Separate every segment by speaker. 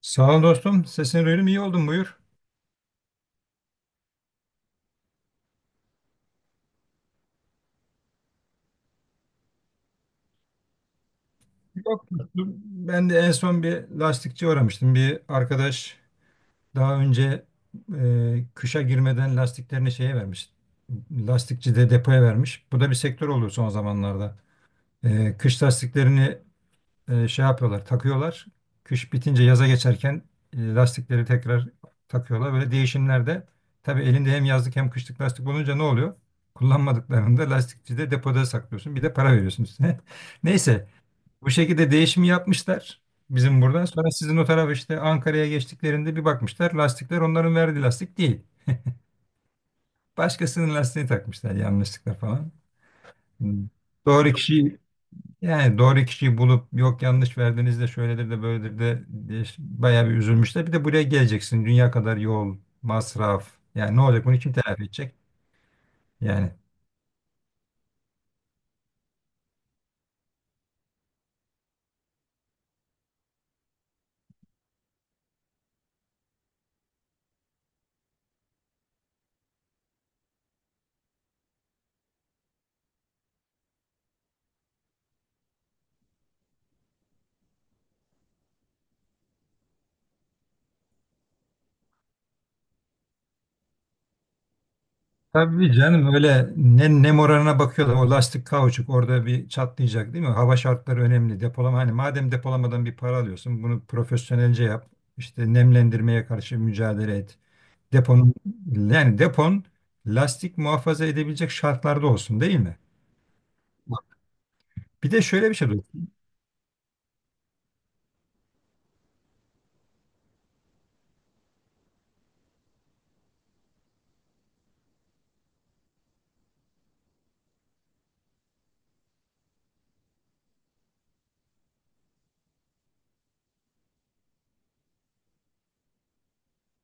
Speaker 1: Sağ ol dostum. Sesini duydum. İyi oldun. Buyur. Yok, dostum. Ben de en son bir lastikçi uğramıştım. Bir arkadaş daha önce kışa girmeden lastiklerini şeye vermiş. Lastikçi de depoya vermiş. Bu da bir sektör oluyor son zamanlarda. E, kış lastiklerini şey yapıyorlar, takıyorlar. Kış bitince yaza geçerken lastikleri tekrar takıyorlar. Böyle değişimlerde tabii elinde hem yazlık hem kışlık lastik olunca ne oluyor? Kullanmadıklarında lastikçide depoda saklıyorsun. Bir de para veriyorsun üstüne. Neyse bu şekilde değişimi yapmışlar bizim burada. Sonra sizin o tarafa işte Ankara'ya geçtiklerinde bir bakmışlar, lastikler onların verdiği lastik değil. Başkasının lastiğini takmışlar yanlışlıkla falan. Hmm. Doğru kişi, yani doğru kişiyi bulup yok yanlış verdiniz de şöyledir de böyledir de diye bayağı bir üzülmüşler. Bir de buraya geleceksin. Dünya kadar yol, masraf. Yani ne olacak? Bunu kim telafi edecek? Yani. Tabii canım, öyle ne moralına bakıyorlar. O lastik kauçuk orada bir çatlayacak değil mi? Hava şartları önemli. Depolama, hani madem depolamadan bir para alıyorsun bunu profesyonelce yap. İşte nemlendirmeye karşı mücadele et. Deponun, yani depon lastik muhafaza edebilecek şartlarda olsun değil mi? Bir de şöyle bir şey duydum.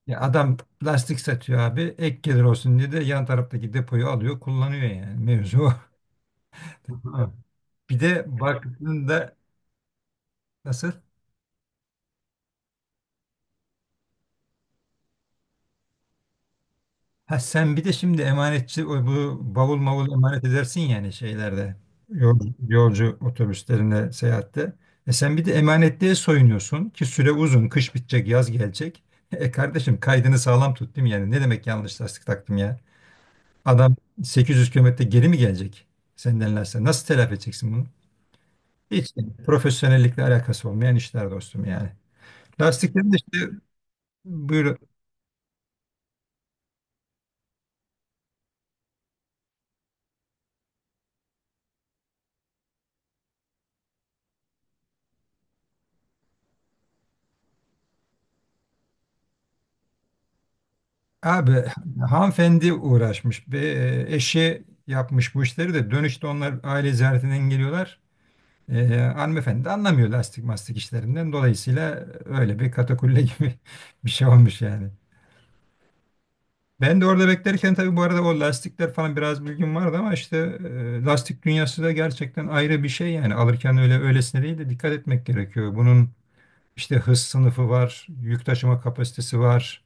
Speaker 1: Ya adam plastik satıyor abi. Ek gelir olsun diye de yan taraftaki depoyu alıyor, kullanıyor yani. Mevzu o. Ha. Bir de baktığında nasıl? Ha, sen bir de şimdi emanetçi, o bu bavul mavul emanet edersin yani şeylerde. Yol, Yolcu otobüslerinde seyahatte. E sen bir de emanetliğe soyunuyorsun ki süre uzun. Kış bitecek, yaz gelecek. E kardeşim, kaydını sağlam tut değil mi yani? Ne demek yanlış lastik taktım ya? Adam 800 kilometre geri mi gelecek senden lastik? Nasıl telafi edeceksin bunu? Hiç profesyonellikle alakası olmayan işler dostum, yani. Lastiklerin de işte buyur abi, hanımefendi uğraşmış. Eşi yapmış bu işleri, de dönüşte onlar aile ziyaretinden geliyorlar. E, hanımefendi de anlamıyor lastik mastik işlerinden. Dolayısıyla öyle bir katakulle gibi bir şey olmuş yani. Ben de orada beklerken tabii bu arada o lastikler falan biraz bilgim vardı ama işte lastik dünyası da gerçekten ayrı bir şey, yani alırken öyle öylesine değil de dikkat etmek gerekiyor. Bunun İşte hız sınıfı var, yük taşıma kapasitesi var,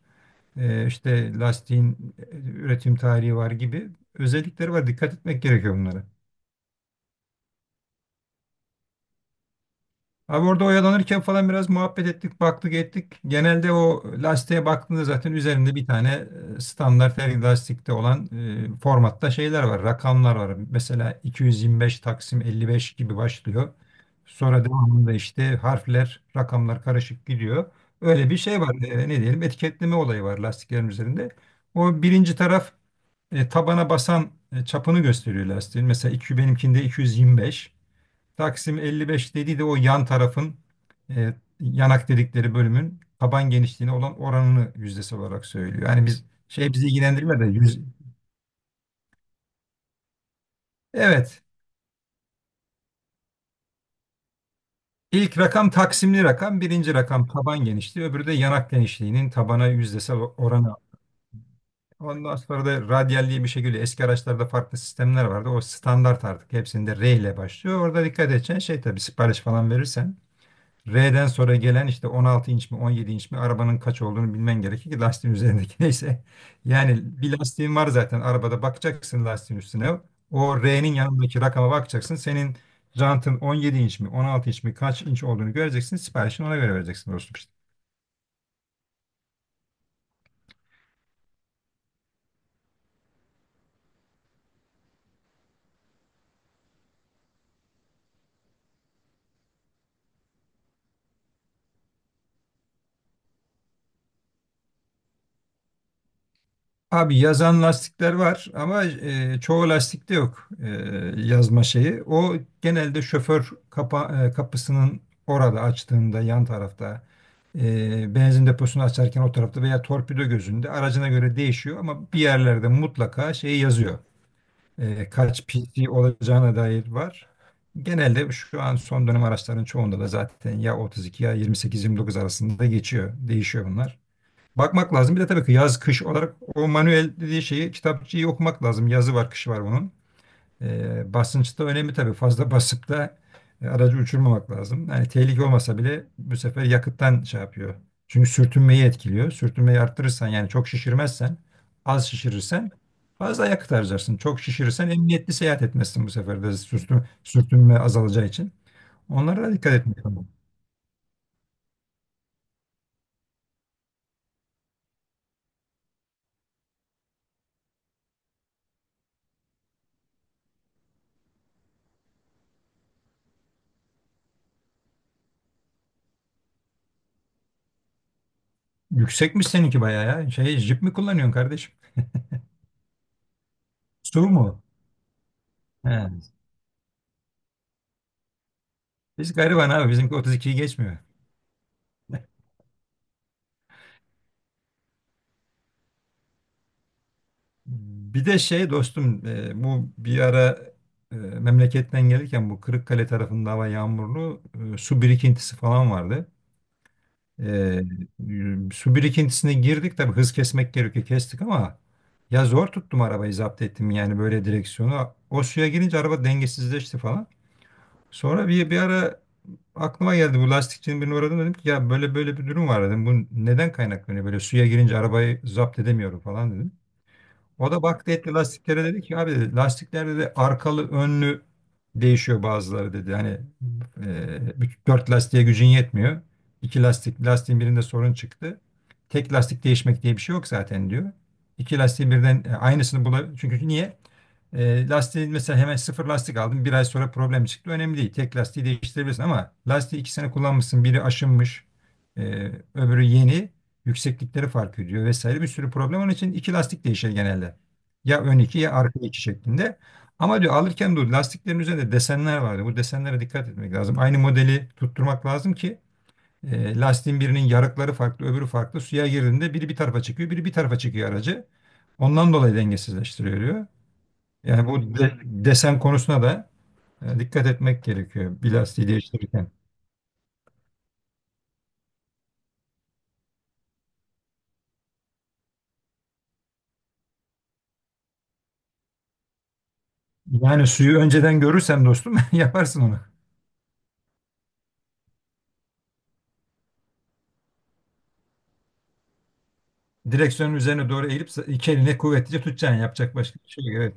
Speaker 1: işte lastiğin üretim tarihi var gibi özellikleri var. Dikkat etmek gerekiyor bunlara. Abi orada oyalanırken falan biraz muhabbet ettik, baktık ettik. Genelde o lastiğe baktığında zaten üzerinde bir tane standart her lastikte olan formatta şeyler var, rakamlar var. Mesela 225 taksim 55 gibi başlıyor. Sonra devamında işte harfler, rakamlar karışık gidiyor. Öyle bir şey var. Ne diyelim, etiketleme olayı var lastiklerin üzerinde. O birinci taraf, tabana basan çapını gösteriyor lastiğin. Mesela iki, benimkinde 225. Taksim 55 dediği de o yan tarafın, e, yanak dedikleri bölümün taban genişliğine olan oranını yüzdesi olarak söylüyor. Yani biz şey, bizi ilgilendirmiyor da yüz... Evet. İlk rakam, taksimli rakam, birinci rakam taban genişliği, öbürü de yanak genişliğinin tabana yüzdesel oranı. Ondan sonra da radyal diye bir şey geliyor. Eski araçlarda farklı sistemler vardı. O standart artık. Hepsinde R ile başlıyor. Orada dikkat edeceksin, şey tabii sipariş falan verirsen R'den sonra gelen işte 16 inç mi 17 inç mi, arabanın kaç olduğunu bilmen gerekir ki lastiğin üzerindeki neyse. Yani bir lastiğin var zaten arabada, bakacaksın lastiğin üstüne. O R'nin yanındaki rakama bakacaksın. Senin jantın 17 inç mi 16 inç mi kaç inç olduğunu göreceksin. Siparişini ona göre vereceksin dostum, işte. Abi yazan lastikler var ama çoğu lastikte yok yazma şeyi. O genelde şoför kapısının orada açtığında yan tarafta, benzin deposunu açarken o tarafta veya torpido gözünde aracına göre değişiyor ama bir yerlerde mutlaka şey yazıyor. E, kaç PC olacağına dair var. Genelde şu an son dönem araçların çoğunda da zaten ya 32 ya 28-29 arasında geçiyor. Değişiyor bunlar. Bakmak lazım. Bir de tabii ki yaz kış olarak o manuel dediği şeyi, kitapçıyı okumak lazım. Yazı var kışı var bunun. Basınç önemli tabii. Fazla basıp da aracı uçurmamak lazım. Yani tehlike olmasa bile bu sefer yakıttan şey yapıyor. Çünkü sürtünmeyi etkiliyor. Sürtünmeyi arttırırsan, yani çok şişirmezsen az şişirirsen fazla yakıt harcarsın. Çok şişirirsen emniyetli seyahat etmezsin bu sefer de, sürtünme azalacağı için. Onlara da dikkat etmek lazım. Yüksekmiş seninki bayağı ya. Şey, jip mi kullanıyorsun kardeşim? Su mu? He. Biz gariban abi, bizimki 32'yi geçmiyor. Bir de şey dostum, bu bir ara memleketten gelirken bu Kırıkkale tarafında hava yağmurlu, su birikintisi falan vardı. E, su birikintisine girdik, tabii hız kesmek gerekiyor, kestik ama ya zor tuttum arabayı, zapt ettim yani böyle direksiyonu. O suya girince araba dengesizleşti falan. Sonra bir ara aklıma geldi, bu lastikçinin birini uğradım, dedim ki ya böyle böyle bir durum var dedim. Bu neden kaynaklanıyor, böyle suya girince arabayı zapt edemiyorum falan. O da baktı etti lastiklere, dedi ki abi dedi, lastiklerde de arkalı önlü değişiyor bazıları dedi. Hani bütün dört lastiğe gücün yetmiyor. İki lastik Lastiğin birinde sorun çıktı. Tek lastik değişmek diye bir şey yok zaten diyor. İki lastiğin birden aynısını bulabilir. Çünkü niye? E, lastiği mesela hemen sıfır lastik aldım, bir ay sonra problem çıktı. Önemli değil. Tek lastiği değiştirebilirsin ama lastiği iki sene kullanmışsın. Biri aşınmış, e, öbürü yeni. Yükseklikleri fark ediyor vesaire, bir sürü problem. Onun için iki lastik değişir genelde. Ya ön iki ya arka iki şeklinde. Ama diyor alırken dur, lastiklerin üzerinde desenler vardı. Bu desenlere dikkat etmek lazım. Aynı modeli tutturmak lazım ki lastiğin birinin yarıkları farklı, öbürü farklı. Suya girdiğinde biri bir tarafa çıkıyor, biri bir tarafa çıkıyor aracı. Ondan dolayı dengesizleştiriyor diyor. Yani bu desen konusuna da dikkat etmek gerekiyor bir lastiği değiştirirken. Yani suyu önceden görürsen dostum, yaparsın onu. Direksiyonun üzerine doğru eğilip iki eline kuvvetlice tutacaksın. Yapacak başka bir şey yok. Evet.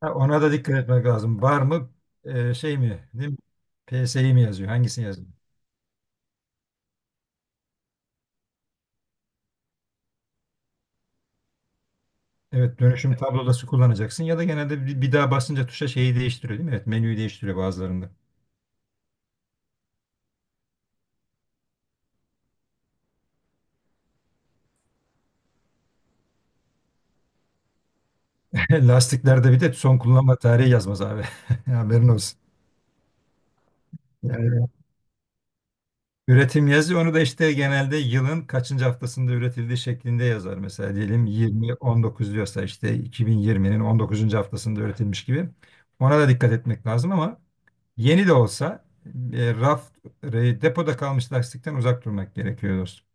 Speaker 1: Ha, ona da dikkat etmek lazım. Var mı şey mi değil mi? PS'yi mi yazıyor? Hangisini yazıyor? Evet, dönüşüm tablodası kullanacaksın ya da genelde bir daha basınca tuşa şeyi değiştiriyor değil mi? Evet, menüyü değiştiriyor bazılarında. Lastiklerde bir de son kullanma tarihi yazmaz abi. Haberin olsun. Yani, üretim yazıyor. Onu da işte genelde yılın kaçıncı haftasında üretildiği şeklinde yazar. Mesela diyelim 20-19 diyorsa işte 2020'nin 19. haftasında üretilmiş gibi. Ona da dikkat etmek lazım ama yeni de olsa, e, raf, depoda kalmış lastikten uzak durmak gerekiyor dostum.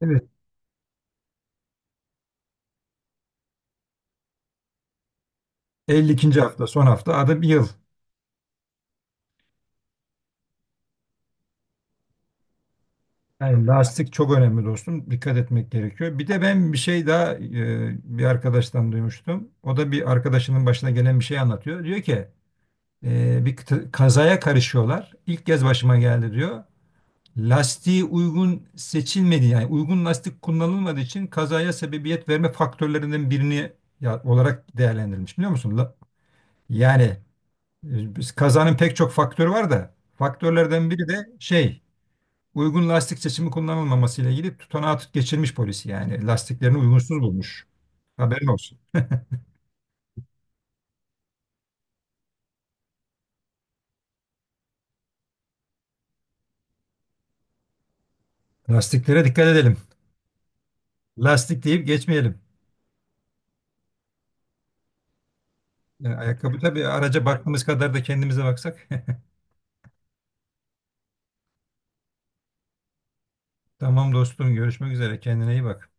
Speaker 1: Evet. 52. hafta, son hafta, adı bir yıl. Yani lastik çok önemli dostum. Dikkat etmek gerekiyor. Bir de ben bir şey daha bir arkadaştan duymuştum. O da bir arkadaşının başına gelen bir şey anlatıyor. Diyor ki, bir kazaya karışıyorlar. İlk kez başıma geldi diyor. Lastiği uygun seçilmedi, yani uygun lastik kullanılmadığı için kazaya sebebiyet verme faktörlerinden birini ya, olarak değerlendirilmiş, biliyor musun? Yani kazanın pek çok faktörü var da faktörlerden biri de şey, uygun lastik seçimi kullanılmaması ile ilgili tutanağı geçirmiş polisi, yani lastiklerini uygunsuz bulmuş. Haberin olsun. Lastiklere dikkat edelim. Lastik deyip geçmeyelim. Ya, ayakkabı tabii, araca baktığımız kadar da kendimize baksak. Tamam dostum, görüşmek üzere, kendine iyi bak.